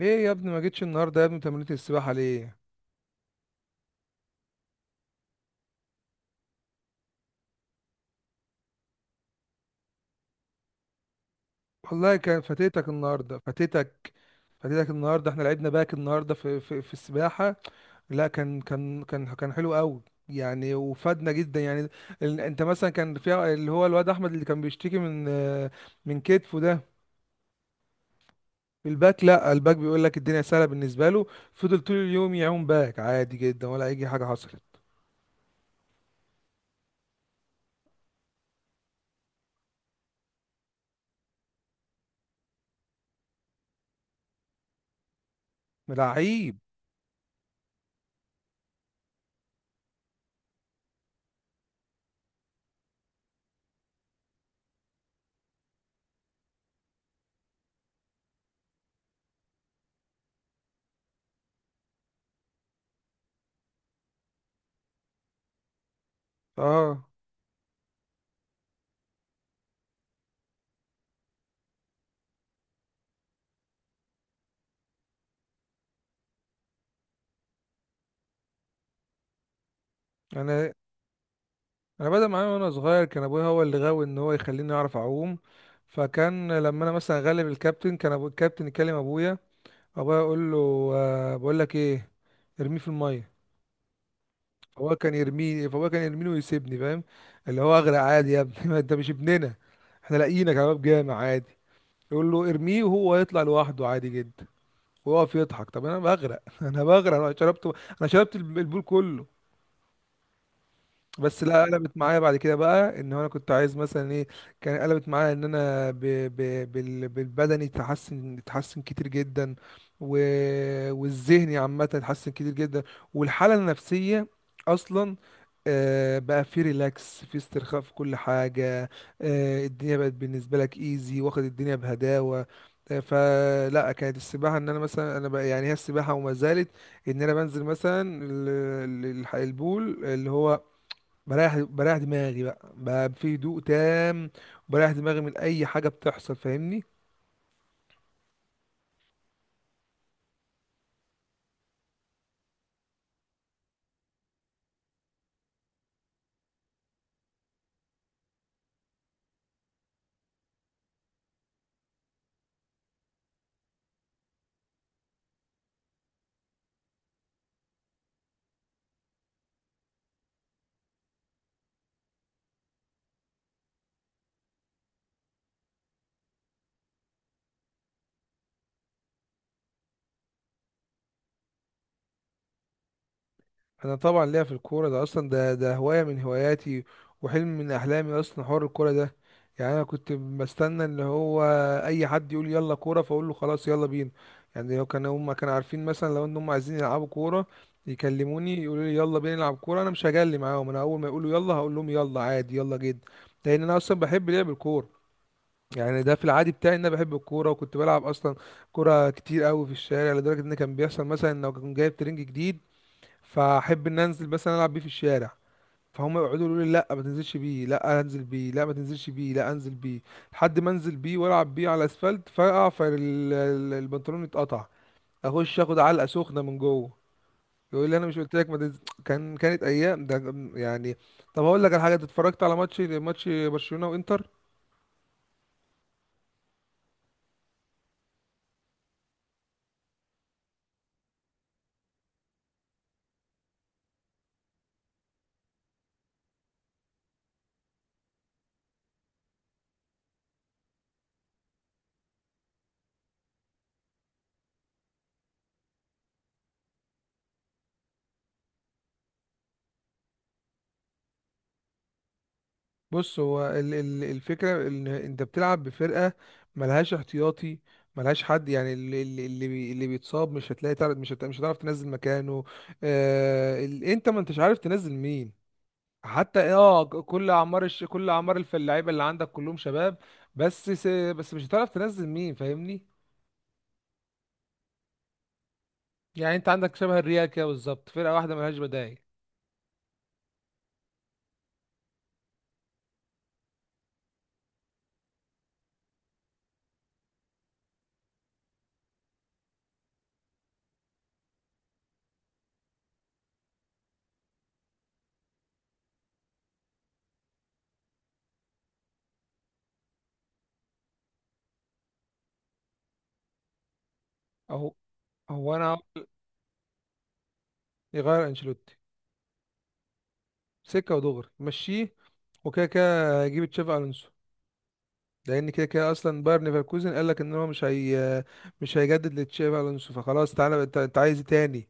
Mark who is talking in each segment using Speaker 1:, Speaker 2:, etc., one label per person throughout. Speaker 1: ايه يا ابني؟ ما جيتش النهارده يا ابني؟ تمرينة السباحة ليه؟ والله كان فاتتك النهارده، فاتتك. فاتتك النهارده، احنا لعبنا باك النهارده في السباحة. لا، كان حلو قوي يعني، وفادنا جدا يعني. انت مثلا كان في اللي هو الواد احمد اللي كان بيشتكي من كتفه ده، في الباك. لا الباك بيقول لك الدنيا سهله بالنسبه له، فضل طول اليوم يعوم باك عادي جدا، ولا اي حاجه حصلت. لعيب. اه، انا انا بدأ معايا وانا صغير، كان ابويا هو اللي غاوي ان هو يخليني اعرف اعوم. فكان لما انا مثلا غلب الكابتن، كان ابو الكابتن يكلم ابويا، ابويا يقول له بقول لك ايه، ارميه في الميه. فهو كان يرميني ويسيبني، فاهم؟ اللي هو اغرق عادي يا ابني ما انت مش ابننا، احنا لاقيينك يا باب جامع عادي. يقول له ارميه، وهو يطلع لوحده عادي جدا ويقف يضحك. طب انا بغرق انا بغرق، انا شربت، انا شربت البول كله. بس لا، قلبت معايا بعد كده بقى ان هو انا كنت عايز مثلا ايه. كان قلبت معايا ان انا بالبدني اتحسن كتير جدا، و... والذهني عامه اتحسن كتير جدا، والحاله النفسيه اصلا. بقى في ريلاكس، في استرخاء، في كل حاجه. الدنيا بقت بالنسبه لك ايزي، واخد الدنيا بهداوه. فلا، كانت السباحه ان انا مثلا انا بقى يعني، هي السباحه وما زالت ان انا بنزل مثلا البول اللي هو بريح دماغي، بقى في هدوء تام، وبريح دماغي من اي حاجه بتحصل، فاهمني؟ انا طبعا ليا في الكوره، ده اصلا ده هوايه من هواياتي، وحلم من احلامي اصلا، حوار الكوره ده. يعني انا كنت بستنى اللي هو اي حد يقول يلا كوره، فاقول له خلاص يلا بينا. يعني لو كانوا هم كانوا عارفين مثلا لو ان هم عايزين يلعبوا كوره يكلموني يقولوا لي يلا بينا نلعب كوره، انا مش هجلي معاهم. انا اول ما يقولوا يلا هقول لهم يلا عادي يلا جدا، لان انا اصلا بحب لعب الكوره. يعني ده في العادي بتاعي ان انا بحب الكوره، وكنت بلعب اصلا كوره كتير قوي في الشارع، لدرجه ان كان بيحصل مثلا ان لو كان جايب ترنج جديد، فاحب ان انزل مثلا العب بيه في الشارع. فهم يقعدوا يقولوا لي لا ما تنزلش بيه، لا انزل بيه، لا ما تنزلش بيه، لا انزل بيه، لحد ما انزل بيه والعب بيه على الاسفلت، فاقع، فالبنطلون يتقطع، اخش اخد علقه سخنه من جوه. يقول لي انا مش قلت لك ما تنزل؟ كانت ايام ده يعني. طب هقول لك على حاجه، أنت اتفرجت على ماتش برشلونه وانتر؟ بص، هو الفكرة ان انت بتلعب بفرقة ملهاش احتياطي، ملهاش حد. يعني اللي بيتصاب، مش هتلاقي تعرف، مش هتعرف تنزل مكانه. انت ما انتش عارف تنزل مين. حتى إيه، اه ك- كل اعمار الش... اللعيبه اللي عندك كلهم شباب. بس س... بس مش هتعرف تنزل مين، فاهمني؟ يعني انت عندك شبه الريال كده بالظبط، فرقة واحدة ملهاش بدايل. اهو. هو انا، يغير انشيلوتي، سكة ودغري مشيه، وكده كده هيجيب تشافي الونسو. لان كده كده اصلا باير ليفركوزن قال لك ان هو مش هيجدد لتشابي الونسو. فخلاص، انت عايز ايه تاني؟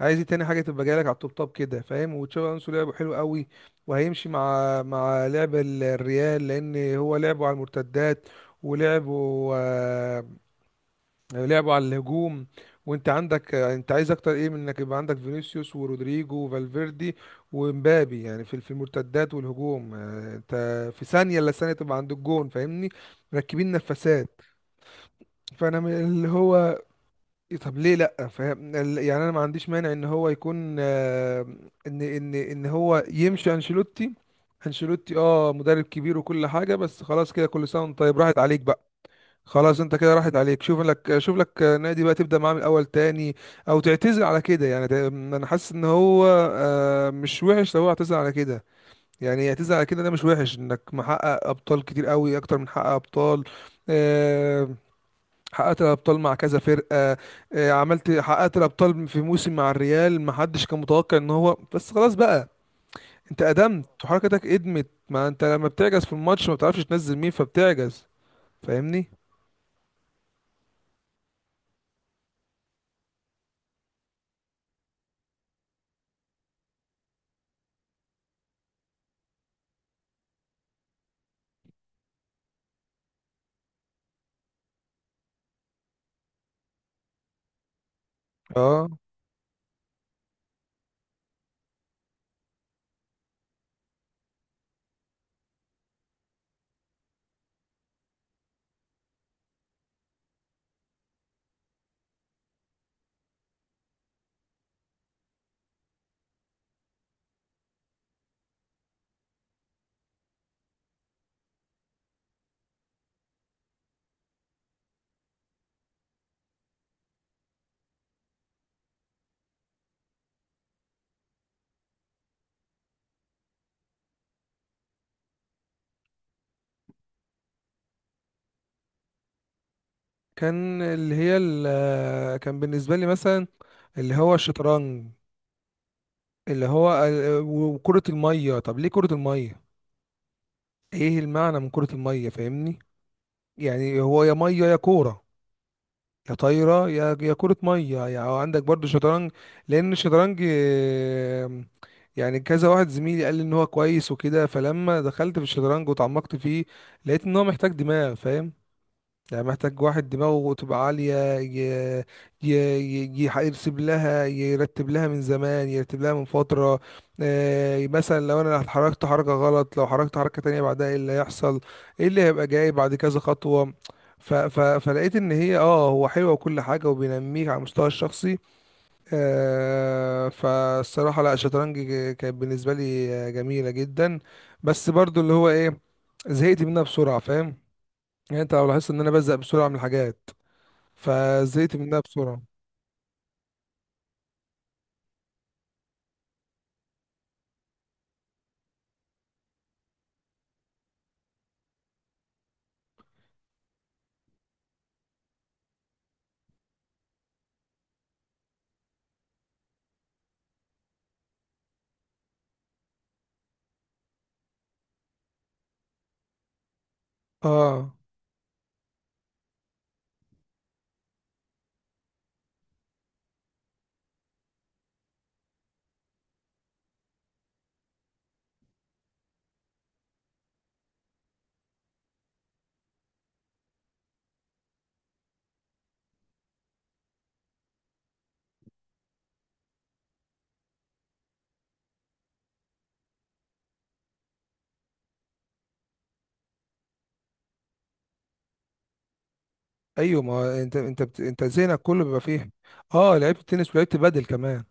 Speaker 1: عايز ايه تاني حاجه تبقى جايه لك على التوب توب كده، فاهم؟ وتشابي الونسو لعبه حلو قوي، وهيمشي مع لعب الريال، لان هو لعبه على المرتدات ولعبه آه، لعبوا على الهجوم. وانت عندك، انت عايز اكتر ايه من انك يبقى عندك فينيسيوس ورودريجو وفالفيردي ومبابي؟ يعني في المرتدات والهجوم، انت في ثانيه الا ثانيه تبقى عند الجون، فاهمني؟ مركبين نفسات. فانا من اللي هو طب ليه لا؟ فاهم، يعني انا ما عنديش مانع ان هو يكون ان هو يمشي انشيلوتي. انشيلوتي اه مدرب كبير وكل حاجه، بس خلاص كده، كل سنه وانت طيب، راحت عليك بقى. خلاص انت كده راحت عليك، شوف لك نادي بقى تبدا معاه من الاول تاني، او تعتزل على كده يعني. انا حاسس ان هو مش وحش لو هو اعتزل على كده. يعني يعتزل على كده ده مش وحش، انك محقق ابطال كتير قوي، اكتر من حقق ابطال. آه، حققت الابطال مع كذا فرقه، حققت الابطال في موسم مع الريال ما حدش كان متوقع ان هو. بس خلاص بقى، انت قدمت وحركتك قدمت. ما انت لما بتعجز في الماتش ما بتعرفش تنزل مين، فبتعجز، فاهمني؟ اه. كان اللي هي كان بالنسبة لي مثلا اللي هو الشطرنج، اللي هو وكرة المية. طب ليه كرة المية؟ ايه المعنى من كرة المية؟ فاهمني؟ يعني هو يا مية يا كورة، يا طايرة، يا كرة مية يعني. عندك برضو شطرنج. لأن الشطرنج يعني كذا واحد زميلي قال لي ان هو كويس وكده. فلما دخلت في الشطرنج وتعمقت فيه، لقيت ان هو محتاج دماغ، فاهم؟ يعني محتاج واحد دماغه تبقى عالية، ي... ي... ي... يح- يرسم لها يرتب لها من زمان، يرتب لها من فترة. مثلا لو انا اتحركت حركة غلط، لو حركت حركة تانية بعدها ايه اللي هيحصل، ايه اللي هيبقى جاي بعد كذا خطوة. فلقيت ان هي اه هو حلوة وكل حاجة، وبينميك على المستوى الشخصي. فالصراحة لا، الشطرنج كانت بالنسبة لي جميلة جدا، بس برضو اللي هو ايه، زهقت منها بسرعة، فاهم؟ يعني انت لو لاحظت ان انا بزهق بسرعة من الحاجات، فزهقت منها بسرعه. اه ايوه، ما هو انت ذهنك كله بيبقى فيها. اه لعبت تنس ولعبت بدل كمان.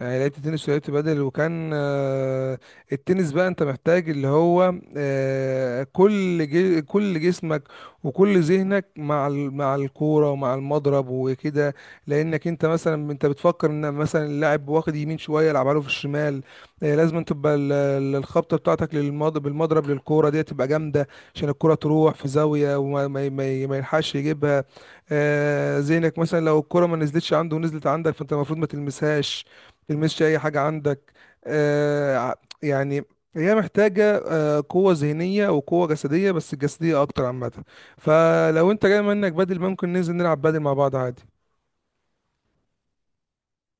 Speaker 1: يعني لعبت تنس ولعبت بدل، وكان التنس بقى انت محتاج اللي هو كل جسمك وكل ذهنك مع مع الكوره ومع المضرب وكده. لانك انت مثلا بتفكر ان مثلا اللاعب واخد يمين شويه، يلعبها له في الشمال. لازم تبقى الخبطه بتاعتك بالمضرب للكوره دي تبقى جامده، عشان الكوره تروح في زاويه وما ما ما- ما يلحقش يجيبها. ذهنك مثلا لو الكوره ما نزلتش عنده ونزلت عندك، فانت المفروض ما تلمسهاش، تلمسش اي حاجه عندك. آه ع- يعني هي محتاجه قوه ذهنيه وقوه جسديه، بس الجسديه اكتر عامه. فلو انت جاي منك بدل، ممكن ننزل نلعب بدل مع بعض عادي.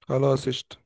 Speaker 1: خلاص، قشطة.